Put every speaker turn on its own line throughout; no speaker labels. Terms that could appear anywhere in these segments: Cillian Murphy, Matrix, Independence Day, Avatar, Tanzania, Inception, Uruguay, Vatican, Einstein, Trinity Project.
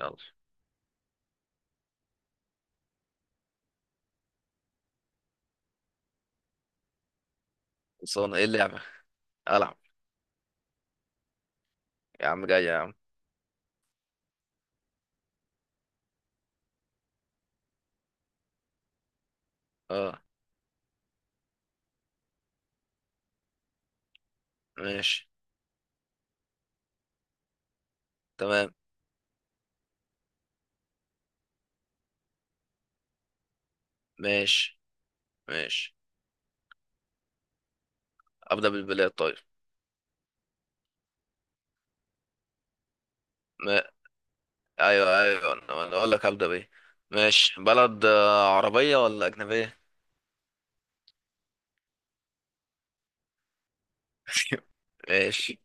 يلا، خلصانة. ايه اللعبة؟ ألعب. يا عم جاي يا عم. اه. ماشي. تمام. ماشي ماشي، أبدأ بالبلاد طيب. ما... أيوه أيوه، أنا أقول لك أبدأ بإيه. ماشي، بلد، عربية ولا أجنبية؟ ماشي،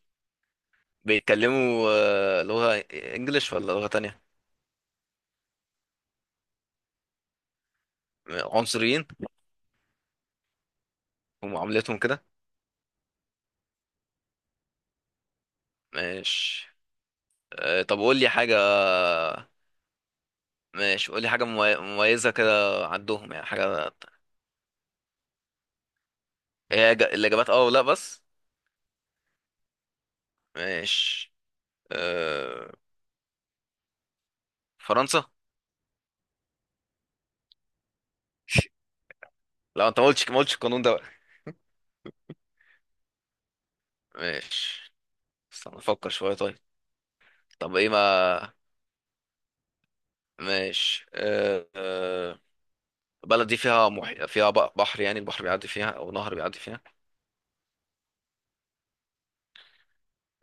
بيتكلموا لغة إنجليش ولا لغة تانية؟ عنصريين ومعاملتهم كده. ماشي. طب قول لي حاجة. ماشي، قول لي حاجة مميزة كده، عندهم يعني حاجة. هي الإجابات اه ولا بس؟ ماشي. آه، فرنسا. لا، انت ما قلتش ما قلتش القانون ده بقى. ماشي، استنى افكر شويه طيب. طب ايه ما. ماشي. البلد دي فيها بحر، يعني البحر بيعدي فيها او نهر بيعدي فيها.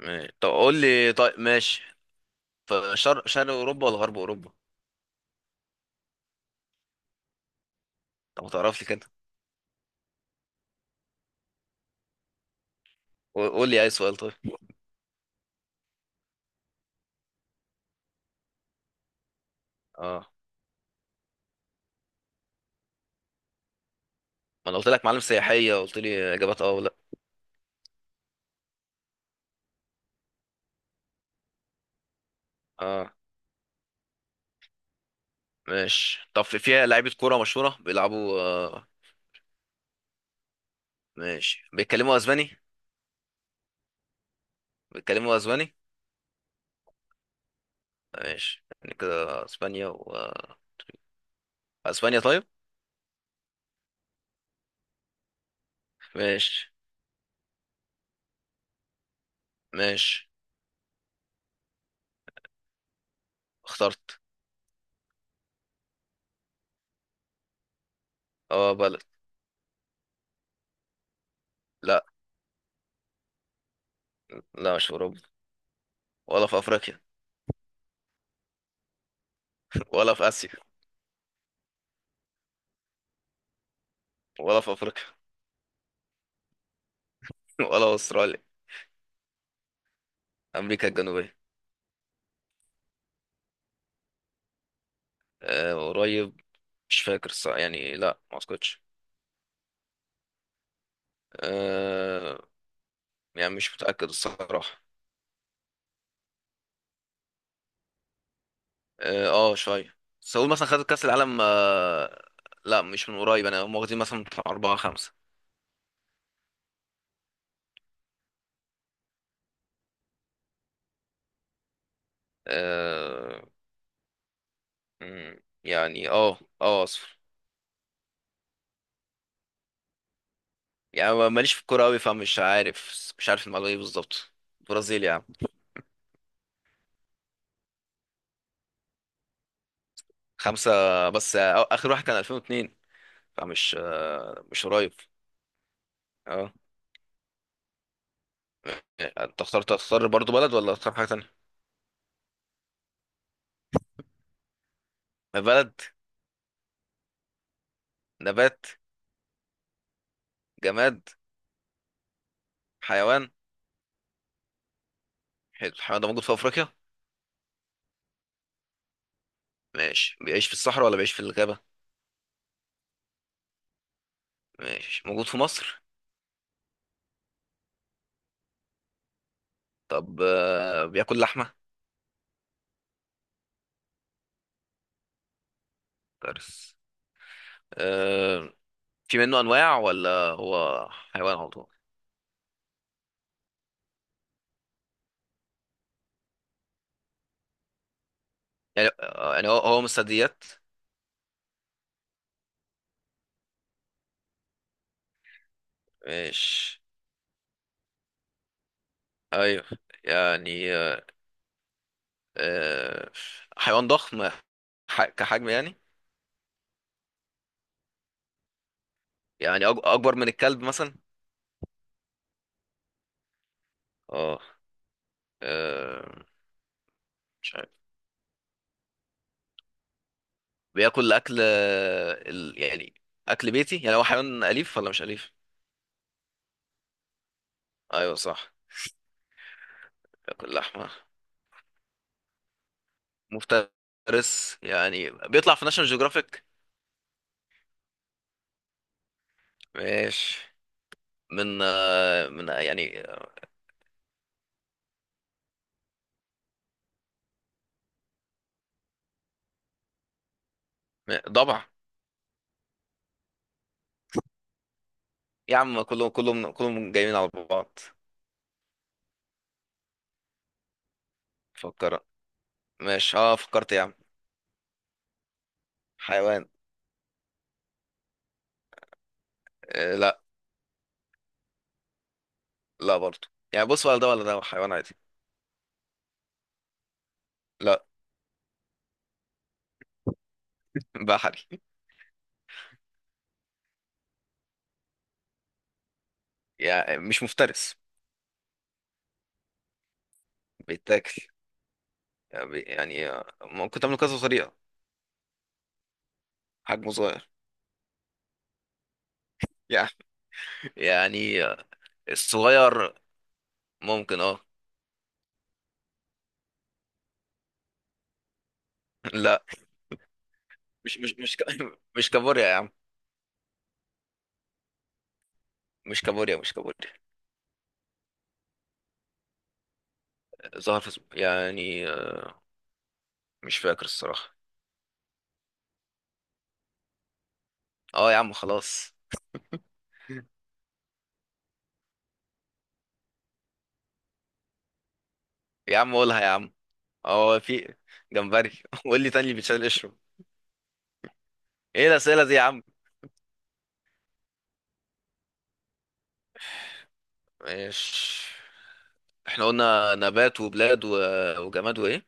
ماشي. طب قول لي، طيب، ماشي. في شرق اوروبا ولا غرب اوروبا؟ طب ما تعرف لي كده، قول لي اي سؤال طيب. اه، ما انا قلت لك معالم سياحيه، قلت لي اجابات اه ولا. اه، ماشي. طب فيها لعيبه كوره مشهوره بيلعبوا. ماشي، بيتكلموا اسباني. بيتكلموا اسباني. ماشي، يعني كده اسبانيا طيب. ماشي ماشي، اخترت. اه، بلد. لا لا، مش في اوروبا، ولا في افريقيا، ولا في اسيا، ولا في افريقيا، ولا في استراليا. امريكا الجنوبيه. أه، قريب. مش فاكر الصراحه، يعني لا، ما اعتقدش. أه، يعني مش متاكد الصراحه. اه، شويه سؤال، مثلا خدت كاس العالم؟ أه. لا، مش من قريب، انا هم واخدين مثلا بتاع اربعه خمسه. أه. مم، يعني اه اه. يعني ماليش في الكورة أوي، فمش عارف مش عارف المعلومة دي بالظبط. برازيل يعني. خمسة، بس آخر واحد كان 2002. فمش آه، مش قريب. اه، انت اخترت. تختار برضو بلد ولا تختار حاجة تانية؟ بلد؟ نبات؟ جماد؟ حيوان؟ حلو، الحيوان ده موجود في أفريقيا؟ ماشي، بيعيش في الصحراء ولا بيعيش في الغابة؟ ماشي، موجود في مصر؟ طب بياكل لحمة؟ ترس. آه، في منه أنواع ولا هو حيوان على طول؟ يعني يعني هو من الثدييات؟ ماشي. ايوه. يعني آه، حيوان ضخم، كحجم يعني. يعني اكبر من الكلب مثلا؟ اه. آه، مش عارف. بياكل اكل، يعني اكل بيتي؟ يعني هو حيوان اليف ولا مش اليف؟ ايوه صح. بياكل لحمه مفترس، يعني بيطلع في ناشونال جيوغرافيك؟ ماشي. من آه، من آه، يعني ضبع؟ يا عم كلهم كلهم كلهم جايين على بعض. فكر. ماشي، اه فكرت يا عم. حيوان. لا. لا برضه. يعني بص، ولا ده ولا ده حيوان عادي. لا، بحري. يعني مش مفترس، بيتاكل. يعني ممكن تعمله كذا طريقة. حجمه صغير. يعني يعني الصغير ممكن، اه. لا، مش مش مش ك- مش كابوريا يا عم. مش كابوريا، مش كابوريا. ظهر في يعني. مش فاكر الصراحة. اه يا عم، خلاص. يا عم قولها يا عم. اه، في جمبري. قول لي تاني اللي بيتشال قشره. ايه الأسئلة دي يا عم؟ ماشي، احنا قلنا نبات وبلاد وجماد وايه؟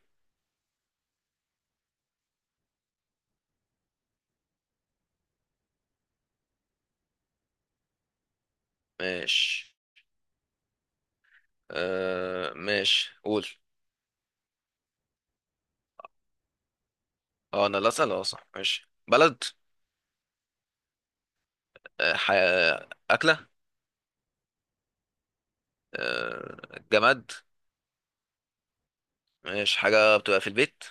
ماشي. ماشي، قول. اه، انا اللي اسال، اه صح. ماشي، بلد؟ آه... ح... آه، اكله؟ جماد؟ ماشي، حاجه بتبقى في البيت؟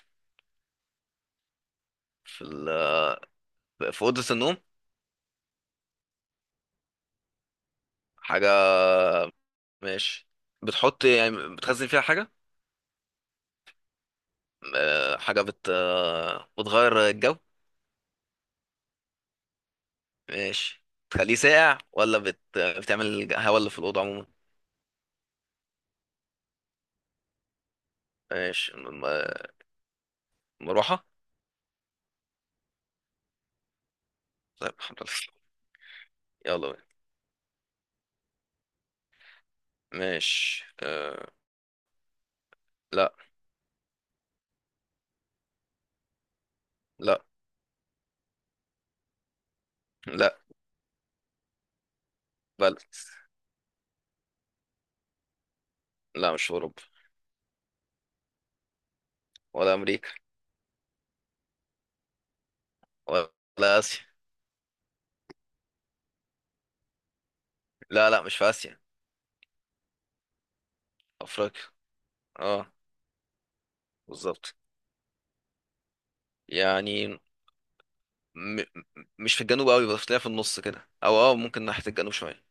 في ال... في اوضه النوم؟ حاجه. ماشي، بتحط يعني بتخزن فيها حاجه؟ حاجه بتغير الجو؟ ماشي، بتخليه ساقع ولا بتعمل هوا اللي في الاوضه عموما؟ ماشي، مروحه. طيب، الحمد لله. يلا بينا. ماشي. لا. لا لا، بلد. لا، مش في أوروبا، ولا أمريكا، ولا آسيا. لا لا، مش في آسيا. أفريقيا، اه، بالظبط. يعني م... م- مش في الجنوب قوي، بس تلاقيها في النص كده، أو اه ممكن ناحية الجنوب شوية.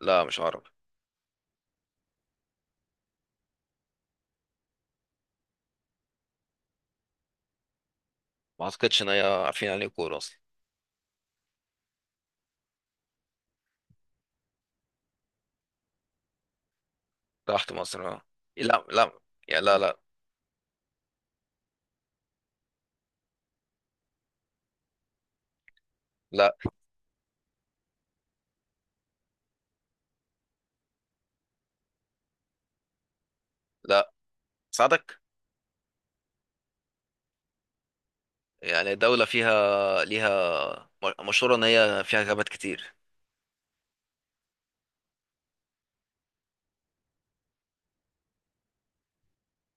لا، مش عربي. ما أعتقدش إن هي، عارفين عليه كورة أصلا؟ تحت مصر اه. لا لا. يا لا لا. لا لا، ساعدك. يعني دولة فيها، ليها، مشهورة إن هي فيها غابات كتير.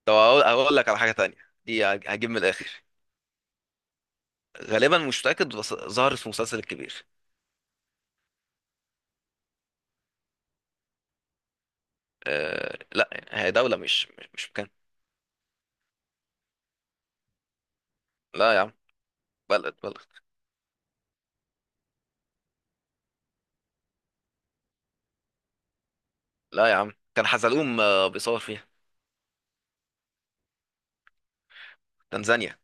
طب اقول لك على حاجه تانية، دي هجيب من الاخر. غالبا مش متاكد، بس ظهرت في مسلسل الكبير. أه لا، هي دوله مش مكان. لا يا عم. بلد بلد. لا يا عم، كان حزلقوم بيصور فيها. تنزانيا.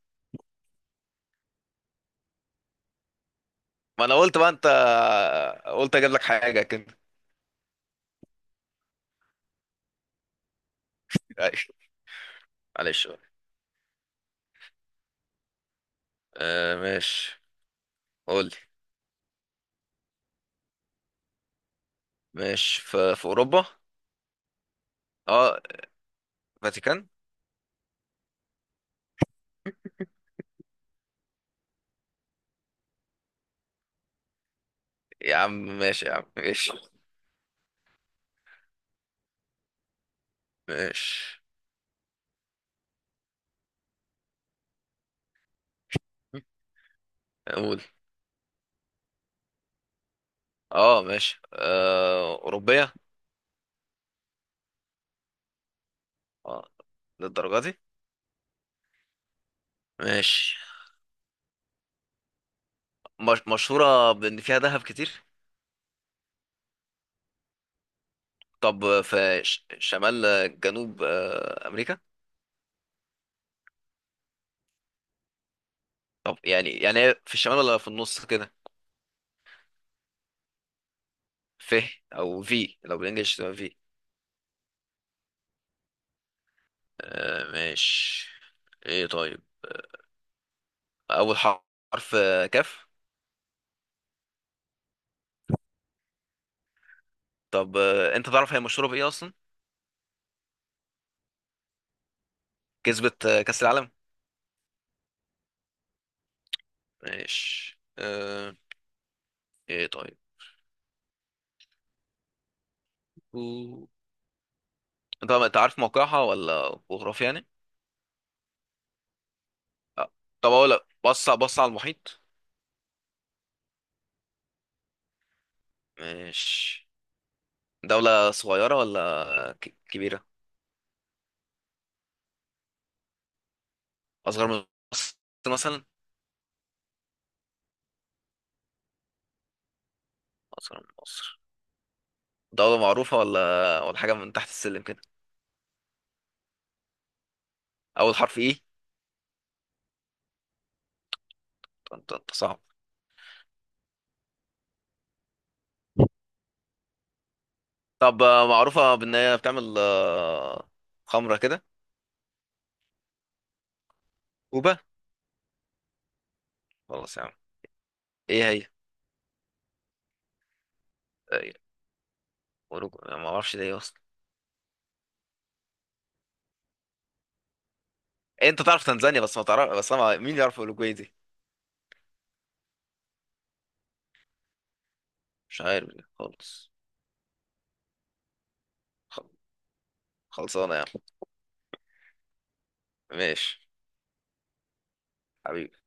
ما انا قلت بقى، انت قلت اجيب لك حاجه كده. معلش. معلش بقى. أه ماشي. قول لي. ماشي، في اوروبا؟ اه، فاتيكان. يا عم ماشي. يا عم ماشي ماشي، قول. اه ماشي. اوروبيه؟ اه، للدرجه دي؟ ماشي، مش... مشهورة بإن فيها دهب كتير؟ طب في شمال جنوب أمريكا؟ طب يعني، يعني هي في الشمال ولا في النص كده؟ في، أو في، لو بالإنجلش تبقى في. ماشي. إيه طيب. أول حرف كاف؟ طب أنت تعرف هي مشهورة بإيه أصلا؟ كسبت كأس العالم؟ ماشي. إيه طيب. و- أنت عارف موقعها ولا جغرافيا يعني؟ آه، طب أقول لك، بص بص على المحيط. ماشي. دولة صغيرة ولا كبيرة؟ أصغر من مصر مثلا؟ أصغر من مصر. دولة معروفة ولا حاجة من تحت السلم كده؟ أول حرف إيه؟ أنت صعب. طب معروفة بإن هي بتعمل خمرة كده؟ كوبا؟ خلاص يا عم. إيه هي؟ آه، أوروجو أنا ما أعرفش دي إيه أصلا. إيه، أنت تعرف تنزانيا بس ما تعرف، بس أنا مين يعرف أوروجواي دي؟ مش عارف دي خالص. خل- خلصانة يا عم. ماشي حبيبي.